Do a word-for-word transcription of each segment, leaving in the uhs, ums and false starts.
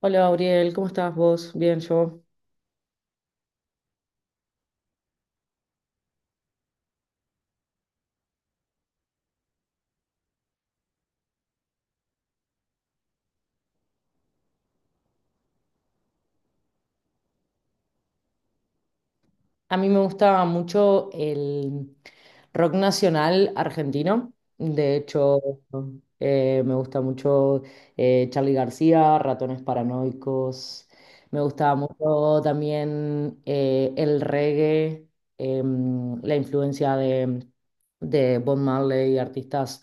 Hola, Auriel, ¿cómo estás vos? Bien, yo. A mí me gustaba mucho el rock nacional argentino. De hecho, eh, me gusta mucho eh, Charly García, Ratones Paranoicos. Me gustaba mucho también eh, el reggae, em, la influencia de, de Bob Marley, artistas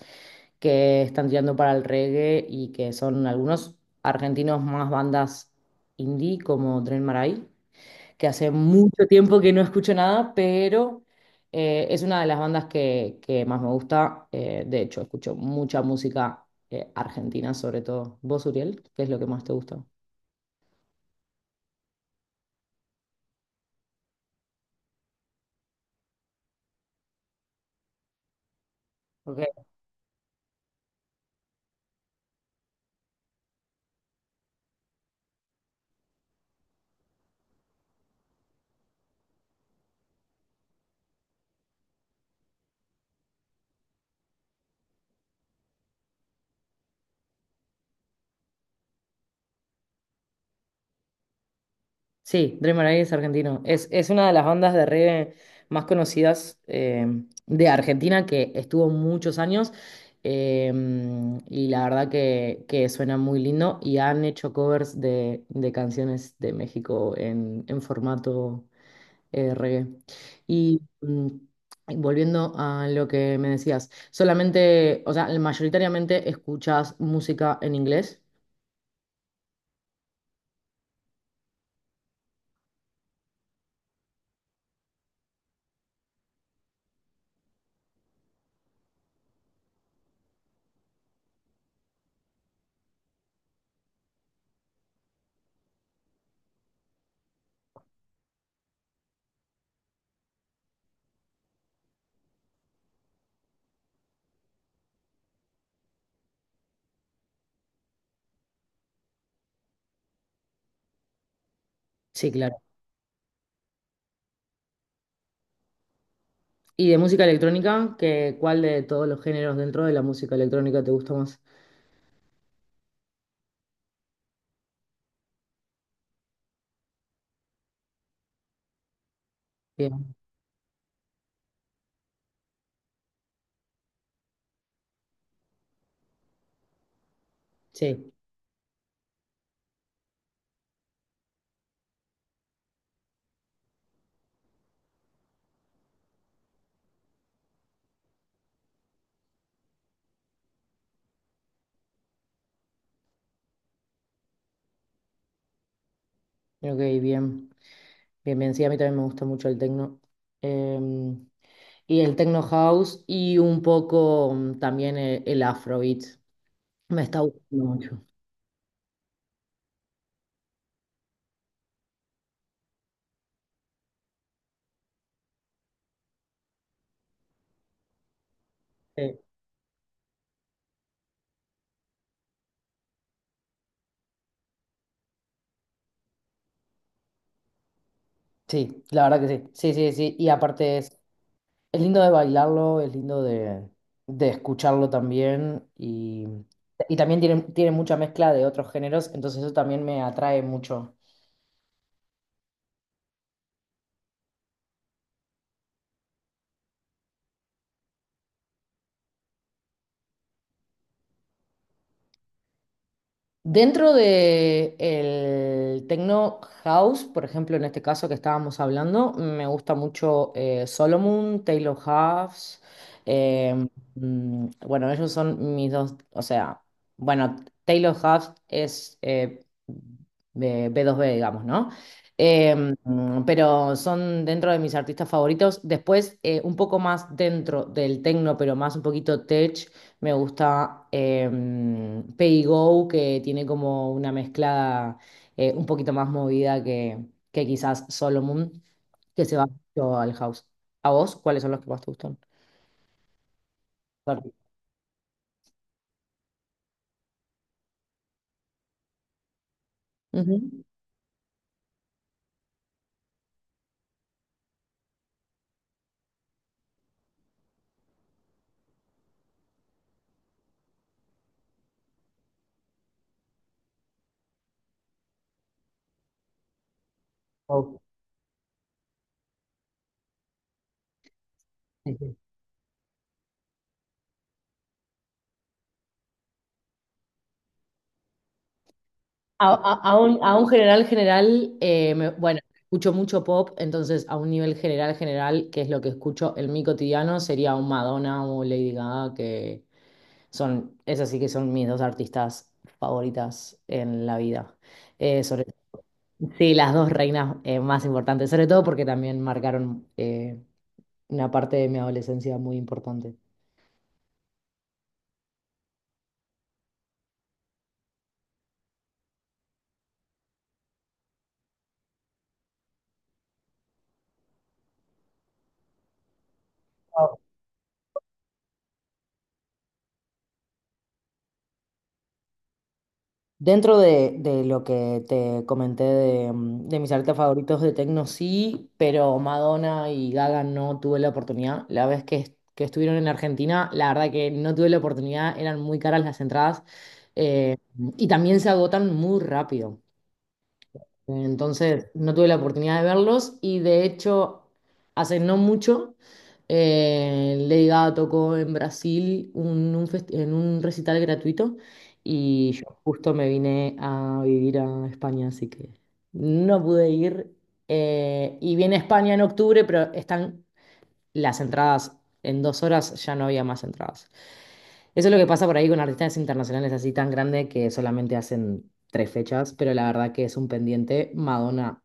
que están tirando para el reggae y que son algunos argentinos más bandas indie como Dren Maray que hace mucho tiempo que no escucho nada, pero eh, es una de las bandas que, que más me gusta. Eh, de hecho, escucho mucha música eh, argentina, sobre todo. ¿Vos, Uriel? ¿Qué es lo que más te gusta? Ok. Sí, Dreamer Eye es argentino. Es, es una de las bandas de reggae más conocidas eh, de Argentina que estuvo muchos años. eh, y la verdad que, que suena muy lindo y han hecho covers de, de canciones de México en, en formato eh, reggae. Y mm, y volviendo a lo que me decías, solamente, o sea, mayoritariamente escuchas música en inglés. Sí, claro. Y de música electrónica, que, ¿cuál de todos los géneros dentro de la música electrónica te gusta más? Bien, sí, ok, bien. Bien, bien, sí, a mí también me gusta mucho el techno. Eh, y el techno house y un poco mm, también el, el afrobeat. Me está gustando mucho. Sí, sí, la verdad que sí. Sí, sí, sí. Y aparte es Es lindo de bailarlo, es lindo de, de escucharlo también y, y también tiene, tiene mucha mezcla de otros géneros, entonces eso también me atrae mucho. Dentro de el techno house, por ejemplo, en este caso que estábamos hablando, me gusta mucho eh, Solomon, Taylor Hawkes. eh, mm, bueno, ellos son mis dos, o sea, bueno, Taylor Hawkes es eh, B- B2B, digamos, ¿no? Eh, mm, pero son dentro de mis artistas favoritos. Después, eh, un poco más dentro del techno, pero más un poquito tech. Me gusta eh, Pay Go, que tiene como una mezcla eh, un poquito más movida que, que quizás Solomon, que se va mucho al house. ¿A vos cuáles son los que más te gustan? Claro. Ujú. Oh, sí, sí. A, a- a un, a un general general, eh, me- bueno, escucho mucho pop, entonces a un nivel general general, que es lo que escucho en mi cotidiano, sería un Madonna o Lady Gaga, que son, esas sí que son mis dos artistas favoritas en la vida. Eh, sobre, sí, las dos reinas eh, más importantes, sobre todo porque también marcaron eh, una parte de mi adolescencia muy importante. Dentro de, de lo que te comenté de, mm, de mis artistas favoritos de techno, sí, pero Madonna y Gaga no tuve la oportunidad. La vez que, est- que estuvieron en Argentina, la verdad que no tuve la oportunidad, eran muy caras las entradas eh, y también se agotan muy rápido. Entonces, no tuve la oportunidad de verlos y de hecho, hace no mucho, eh, Lady Gaga tocó en Brasil un- un fest- en un recital gratuito y yo justo me vine a vivir a España, así que no pude ir. Eh, y viene a España en octubre, pero están las entradas, en dos horas ya no había más entradas. Eso es lo que pasa por ahí con artistas internacionales así tan grandes que solamente hacen tres fechas, pero la verdad que es un pendiente. Madonna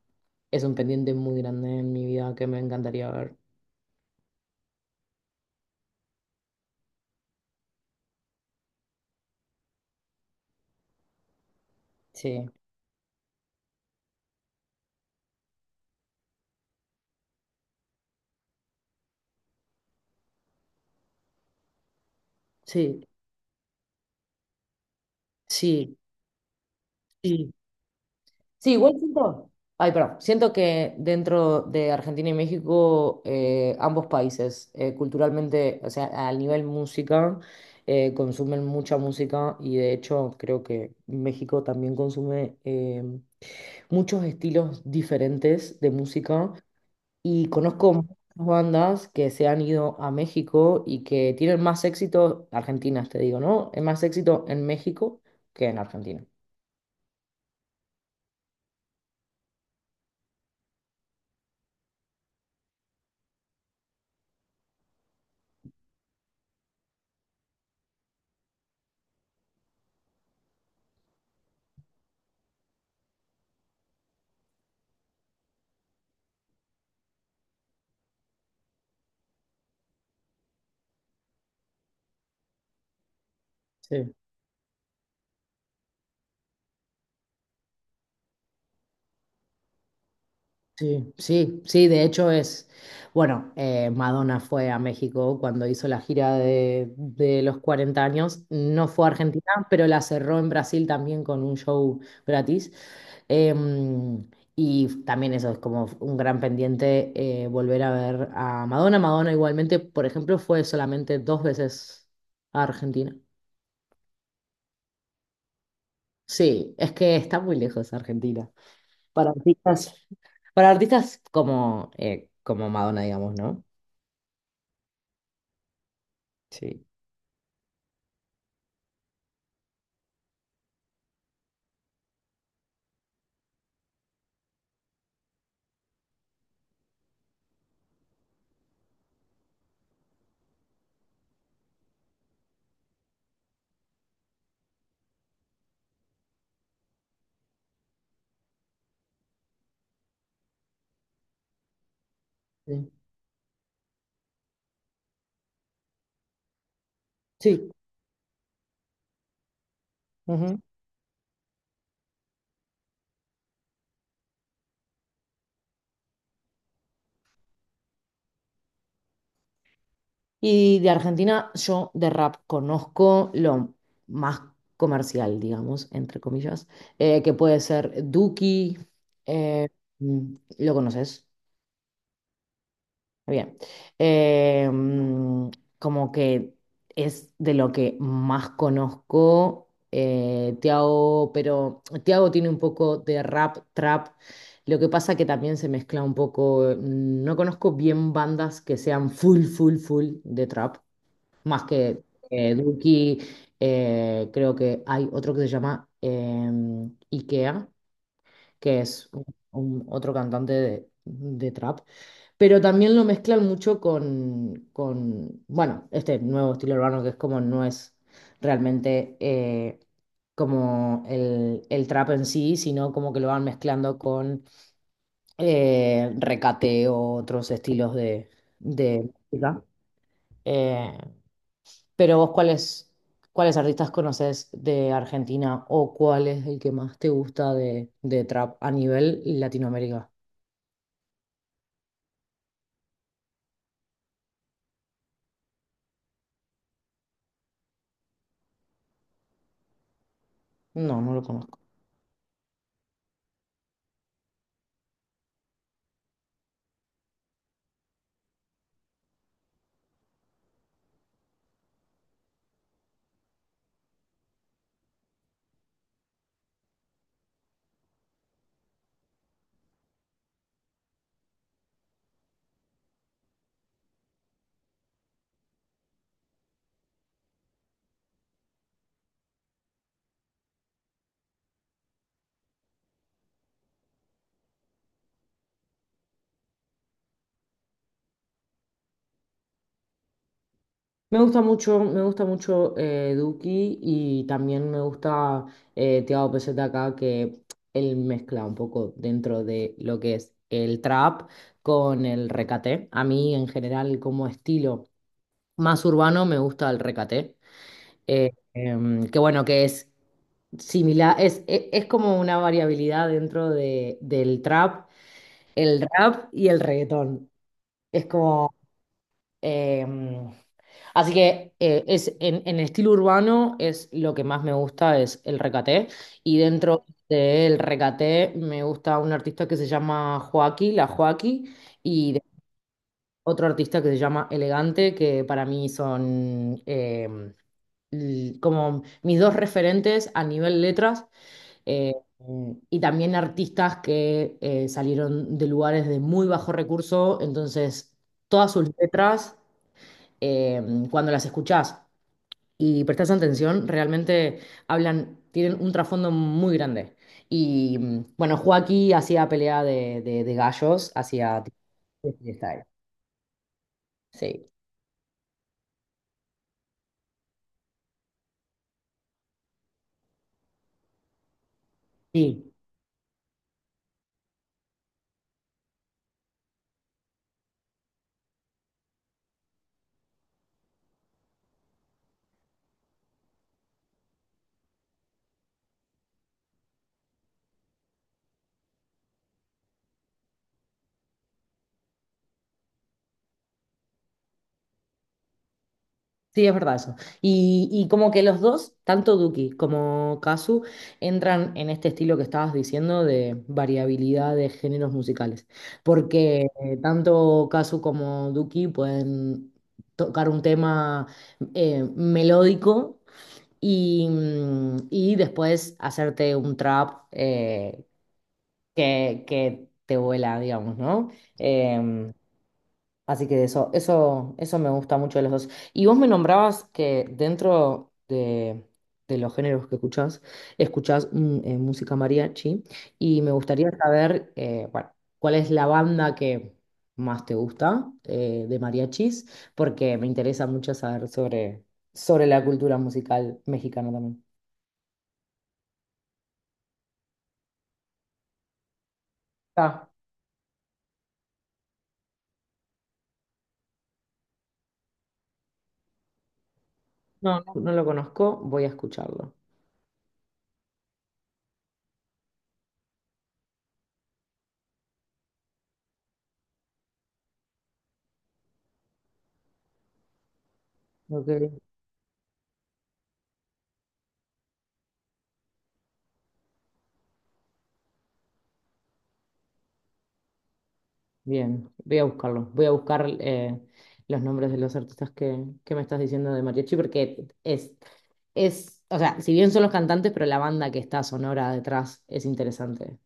es un pendiente muy grande en mi vida que me encantaría ver. Sí, sí, sí, sí. Sí, igual siento. Ay, perdón. Siento que dentro de Argentina y México, eh, ambos países, eh, culturalmente, o sea, al nivel música, eh, consumen mucha música y de hecho creo que México también consume em, muchos estilos diferentes de música y conozco muchas bandas que se han ido a México y que tienen más éxito, argentinas te digo, ¿no? Es más éxito en México que en Argentina. Sí. Sí, sí, sí, de hecho es, bueno, eh, Madonna fue a México cuando hizo la gira de, de los cuarenta años, no fue a Argentina, pero la cerró en Brasil también con un show gratis. Em, y también eso es como un gran pendiente eh, volver a ver a Madonna. Madonna igualmente, por ejemplo, fue solamente dos veces a Argentina. Sí, es que está muy lejos Argentina. Para artistas, para artistas como, eh, como Madonna, digamos, ¿no? Sí. Sí. Sí. Ujú. Y de Argentina yo de rap conozco lo más comercial, digamos, entre comillas, eh, que puede ser Duki. eh, mm, ¿Lo conoces? Bien. Eh, mm, Como que es de lo que más conozco, eh, Tiago, pero Tiago tiene un poco de rap, trap. Lo que pasa que también se mezcla un poco. eh, No conozco bien bandas que sean full, full, full de trap. Más que eh, Duki, eh, creo que hay otro que se llama em, Ikea que es un- un- otro cantante de, de trap, pero también lo mezclan mucho con, con, bueno, este nuevo estilo urbano que es como no es realmente eh, como el, el trap en sí, sino como que lo van mezclando con eh, recateo, otros estilos de, de música. Eh, pero vos, ¿cuáles, cuáles artistas conoces de Argentina o cuál es el que más te gusta de, de trap a nivel Latinoamérica? No, no lo conozco. Me gusta mucho, me gusta mucho eh, Duki y también me gusta eh, Tiago P Z K, que él mezcla un poco dentro de lo que es el trap con el recate. A mí, en general, como estilo más urbano, me gusta el recate. Eh, em, que bueno, que es similar, es, e- es, como una variabilidad dentro de, del trap, el rap y el reggaetón. Es como em, así que eh, es, en, en el estilo urbano es lo que más me gusta, es el recaté. Y dentro del recaté me gusta un artista que se llama Joaquí, La Joaquí, y de- otro artista que se llama Elegante, que para mí son em, l- como mis dos referentes a nivel letras eh, y también artistas que eh, salieron de lugares de muy bajo recurso, entonces todas sus letras, eh, cuando las escuchás y prestás atención, realmente hablan, tienen un trasfondo muy grande. Y mm, bueno, Joaquín hacía pelea de, de- de gallos, hacía tipo freestyle. Sí. Sí. Sí, es verdad eso. Y, y como que los dos, tanto Duki como Kazu, entran en este estilo que estabas diciendo de variabilidad de géneros musicales. Porque eh, tanto Kazu como Duki pueden tocar un tema eh, melódico y, mm, y después hacerte un trap eh, que, que te vuela, digamos, ¿no? Em, Así que eso, eso, eso me gusta mucho de los dos. Y vos me nombrabas que dentro de, de los géneros que escuchás, escuchás mm, eh, música mariachi. Y me gustaría saber, eh, bueno, cuál es la banda que más te gusta eh, de mariachis, porque me interesa mucho saber sobre, sobre la cultura musical mexicana también. Ah, no, no, no lo conozco, voy a escucharlo. Ok. Bien, voy a buscarlo. Voy a buscar eh, los nombres de los artistas que, que me estás diciendo de mariachi, porque es, es, o sea, si bien son los cantantes, pero la banda que está sonora detrás es interesante.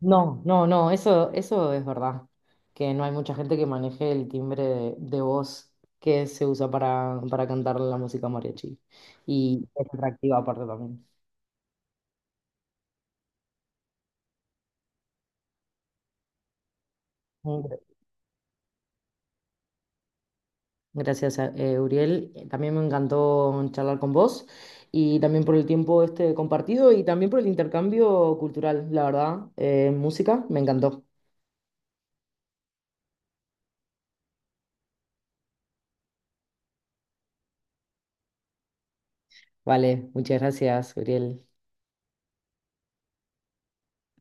No, no, no, eso, eso es verdad, que no hay mucha gente que maneje el timbre de, de voz que se usa para, para cantar la música mariachi. Y es atractiva aparte también. Gracias, eh, Uriel. También me encantó charlar con vos y también por el tiempo este compartido y también por el intercambio cultural, la verdad. Eh, música, me encantó. Vale, muchas gracias, Uriel.